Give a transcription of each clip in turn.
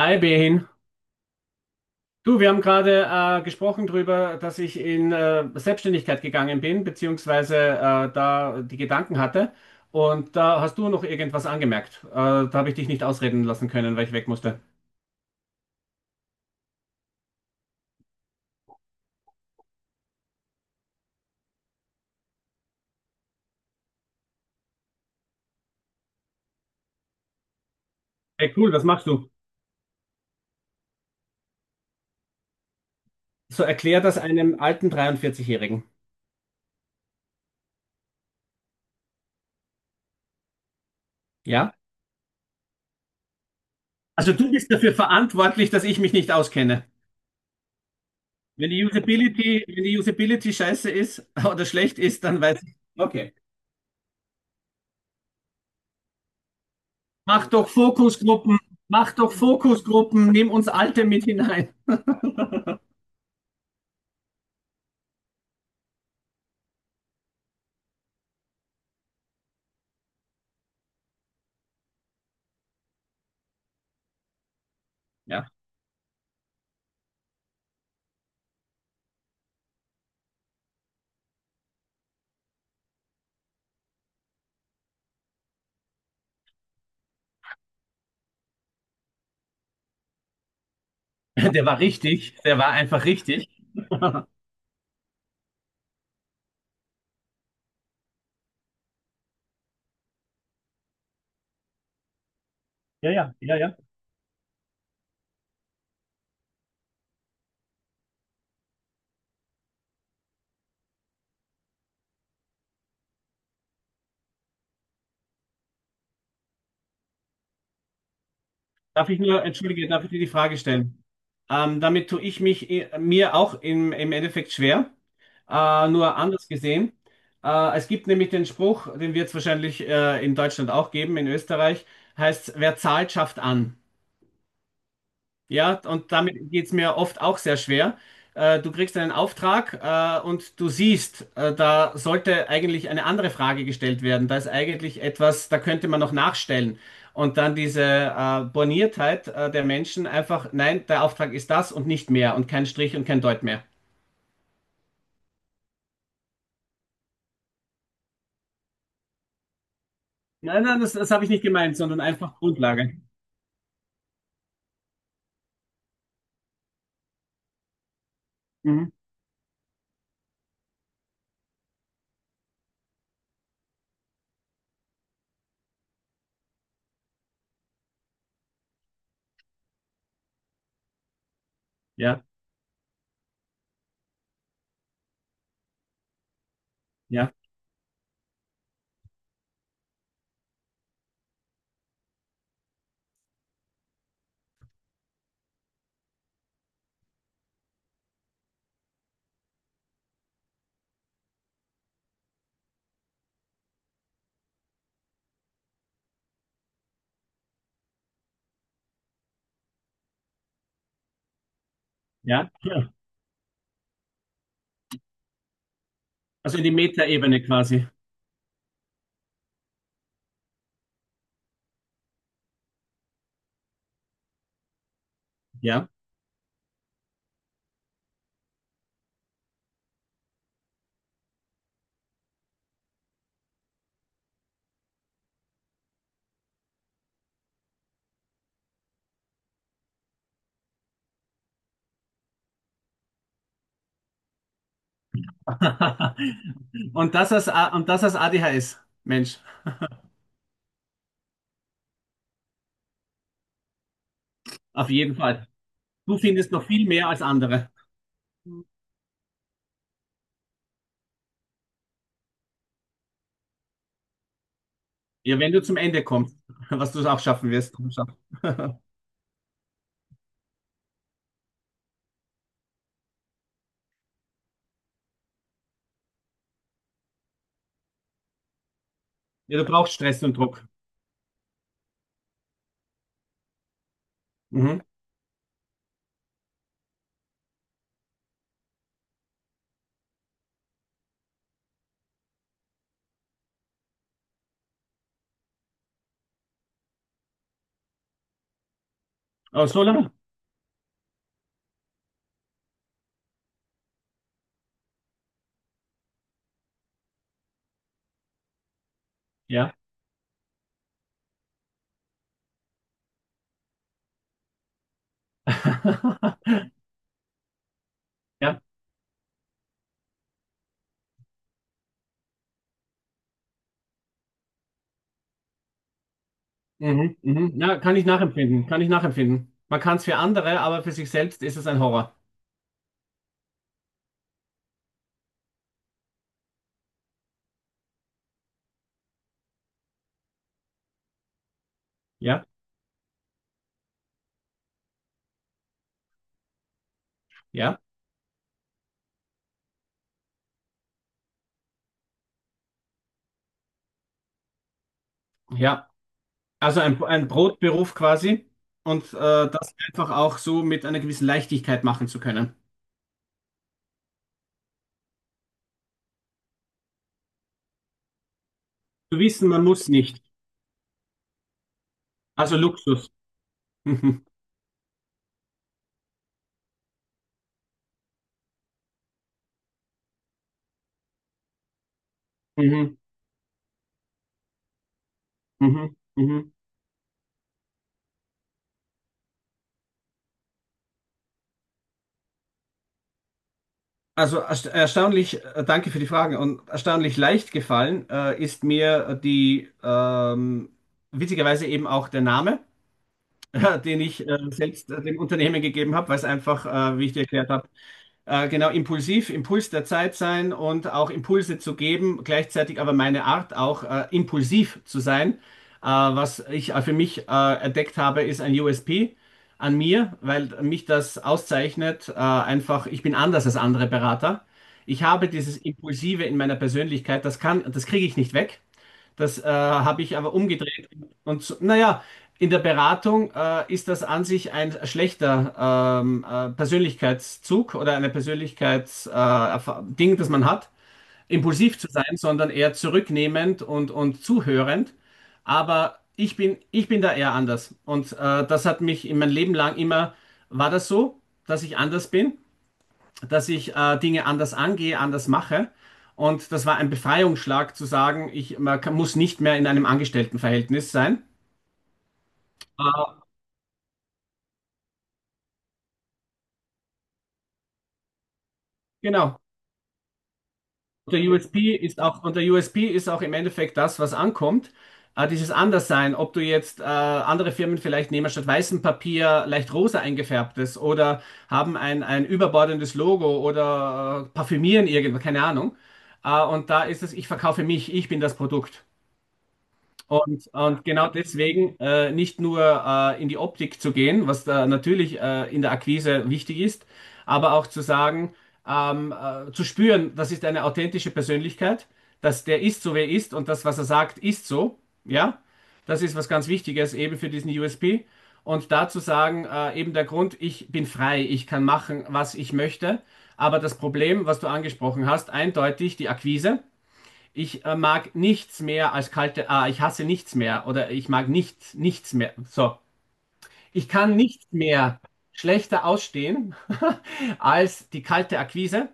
Hi Behin. Du, wir haben gerade gesprochen darüber, dass ich in Selbstständigkeit gegangen bin, beziehungsweise da die Gedanken hatte. Und da hast du noch irgendwas angemerkt. Da habe ich dich nicht ausreden lassen können, weil ich weg musste. Hey, cool, was machst du? So erklär das einem alten 43-Jährigen. Ja? Also du bist dafür verantwortlich, dass ich mich nicht auskenne. Wenn die Usability scheiße ist oder schlecht ist, dann weiß ich. Okay. Mach doch Fokusgruppen, mach doch Fokusgruppen, nimm uns Alte mit hinein. Ja, der war einfach richtig. Ja, ja, ja, ja. Darf ich nur, entschuldige, darf ich dir die Frage stellen? Damit tue ich mich mir auch im Endeffekt schwer, nur anders gesehen. Es gibt nämlich den Spruch, den wird es wahrscheinlich in Deutschland auch geben, in Österreich, heißt, wer zahlt, schafft an. Ja, und damit geht's mir oft auch sehr schwer. Du kriegst einen Auftrag, und du siehst, da sollte eigentlich eine andere Frage gestellt werden. Da ist eigentlich etwas, da könnte man noch nachstellen. Und dann diese Borniertheit der Menschen einfach, nein, der Auftrag ist das und nicht mehr und kein Strich und kein Deut mehr. Nein, nein, das habe ich nicht gemeint, sondern einfach Grundlage. Mhm. Ja, ja, ja, ja. Also in die Metaebene quasi. Ja. Und das als, A- und das als ADHS, Mensch. Auf jeden Fall. Du findest noch viel mehr als andere. Ja, wenn du zum Ende kommst, was du auch schaffen wirst. Komm schon. Ja, du brauchst Stress und Druck. Mhm. Aber so lange? Ja. Ja. Mhm, mhm. Ja, kann ich nachempfinden. Kann ich nachempfinden. Man kann es für andere, aber für sich selbst ist es ein Horror. Ja, ja, ja. Also ein Brotberuf quasi und das einfach auch so mit einer gewissen Leichtigkeit machen zu können. Zu wissen, man muss nicht. Also Luxus. Mhm, mhm, mhm, mhm. Also erstaunlich, danke für die Fragen, und erstaunlich leicht gefallen ist mir die witzigerweise eben auch der Name, den ich selbst dem Unternehmen gegeben habe, weil es einfach, wie ich dir erklärt habe, genau impulsiv, Impuls der Zeit sein und auch Impulse zu geben, gleichzeitig aber meine Art auch impulsiv zu sein. Was ich für mich entdeckt habe, ist ein USP an mir, weil mich das auszeichnet. Einfach, ich bin anders als andere Berater. Ich habe dieses Impulsive in meiner Persönlichkeit, das kriege ich nicht weg. Das habe ich aber umgedreht. Und so, naja, in der Beratung ist das an sich ein schlechter Persönlichkeitszug oder eine Ding, das man hat, impulsiv zu sein, sondern eher zurücknehmend und zuhörend. Aber ich bin da eher anders. Und das hat mich in mein Leben lang immer, war das so, dass ich anders bin? Dass ich Dinge anders angehe, anders mache. Und das war ein Befreiungsschlag zu sagen, ich man kann, muss nicht mehr in einem Angestelltenverhältnis sein. Äh, genau. Und der USP ist auch, und der USP ist auch im Endeffekt das, was ankommt. Dieses Anderssein, ob du jetzt andere Firmen vielleicht nehmen statt weißem Papier leicht rosa eingefärbtes oder haben ein überbordendes Logo oder parfümieren irgendwas, keine Ahnung. Und da ist es, ich verkaufe mich, ich bin das Produkt. Und genau deswegen nicht nur in die Optik zu gehen, was da natürlich in der Akquise wichtig ist, aber auch zu sagen, zu spüren, das ist eine authentische Persönlichkeit, dass der ist so, wer er ist und das, was er sagt, ist so. Ja, das ist was ganz Wichtiges eben für diesen USP. Und dazu sagen, eben der Grund, ich bin frei, ich kann machen, was ich möchte. Aber das Problem, was du angesprochen hast, eindeutig die Akquise. Ich mag nichts mehr als kalte, ah, ich hasse nichts mehr oder ich mag nicht, nichts mehr. So, ich kann nichts mehr schlechter ausstehen als die kalte Akquise.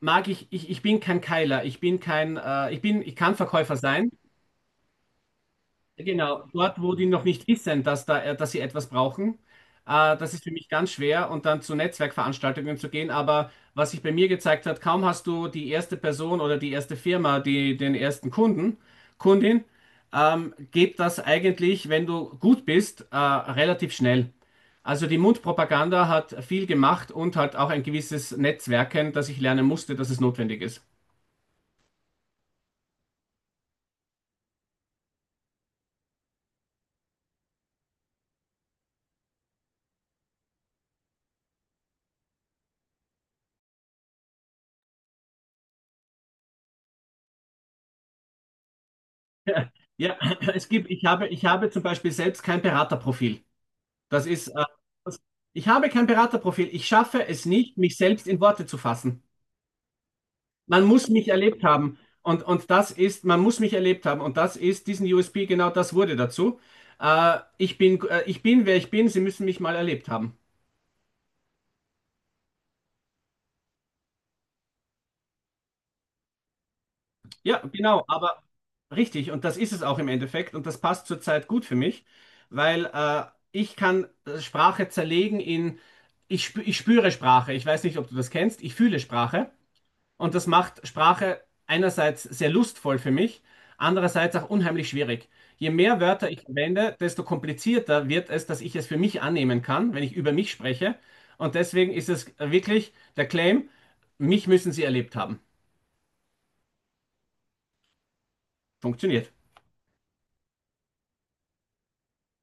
Mag ich, ich bin kein Keiler, ich bin kein, ich bin, ich kann Verkäufer sein. Genau, dort, wo die noch nicht wissen, dass da, dass sie etwas brauchen, das ist für mich ganz schwer, und dann zu Netzwerkveranstaltungen zu gehen. Aber was sich bei mir gezeigt hat, kaum hast du die erste Person oder die erste Firma, die den ersten Kunden, Kundin, geht das eigentlich, wenn du gut bist, relativ schnell. Also die Mundpropaganda hat viel gemacht und halt auch ein gewisses Netzwerken, das ich lernen musste, dass es notwendig ist. Ja, es gibt, ich habe zum Beispiel selbst kein Beraterprofil. Das ist, äh, das- Ich habe kein Beraterprofil. Ich schaffe es nicht, mich selbst in Worte zu fassen. Man muss mich erlebt haben. Und man muss mich erlebt haben. Und das ist, diesen USP, genau das wurde dazu. Ich bin, wer ich bin. Sie müssen mich mal erlebt haben. Ja, genau. Aber richtig. Und das ist es auch im Endeffekt. Und das passt zurzeit gut für mich, weil ich kann Sprache zerlegen in, ich spüre Sprache. Ich weiß nicht, ob du das kennst. Ich fühle Sprache. Und das macht Sprache einerseits sehr lustvoll für mich, andererseits auch unheimlich schwierig. Je mehr Wörter ich verwende, desto komplizierter wird es, dass ich es für mich annehmen kann, wenn ich über mich spreche. Und deswegen ist es wirklich der Claim, mich müssen Sie erlebt haben. Funktioniert.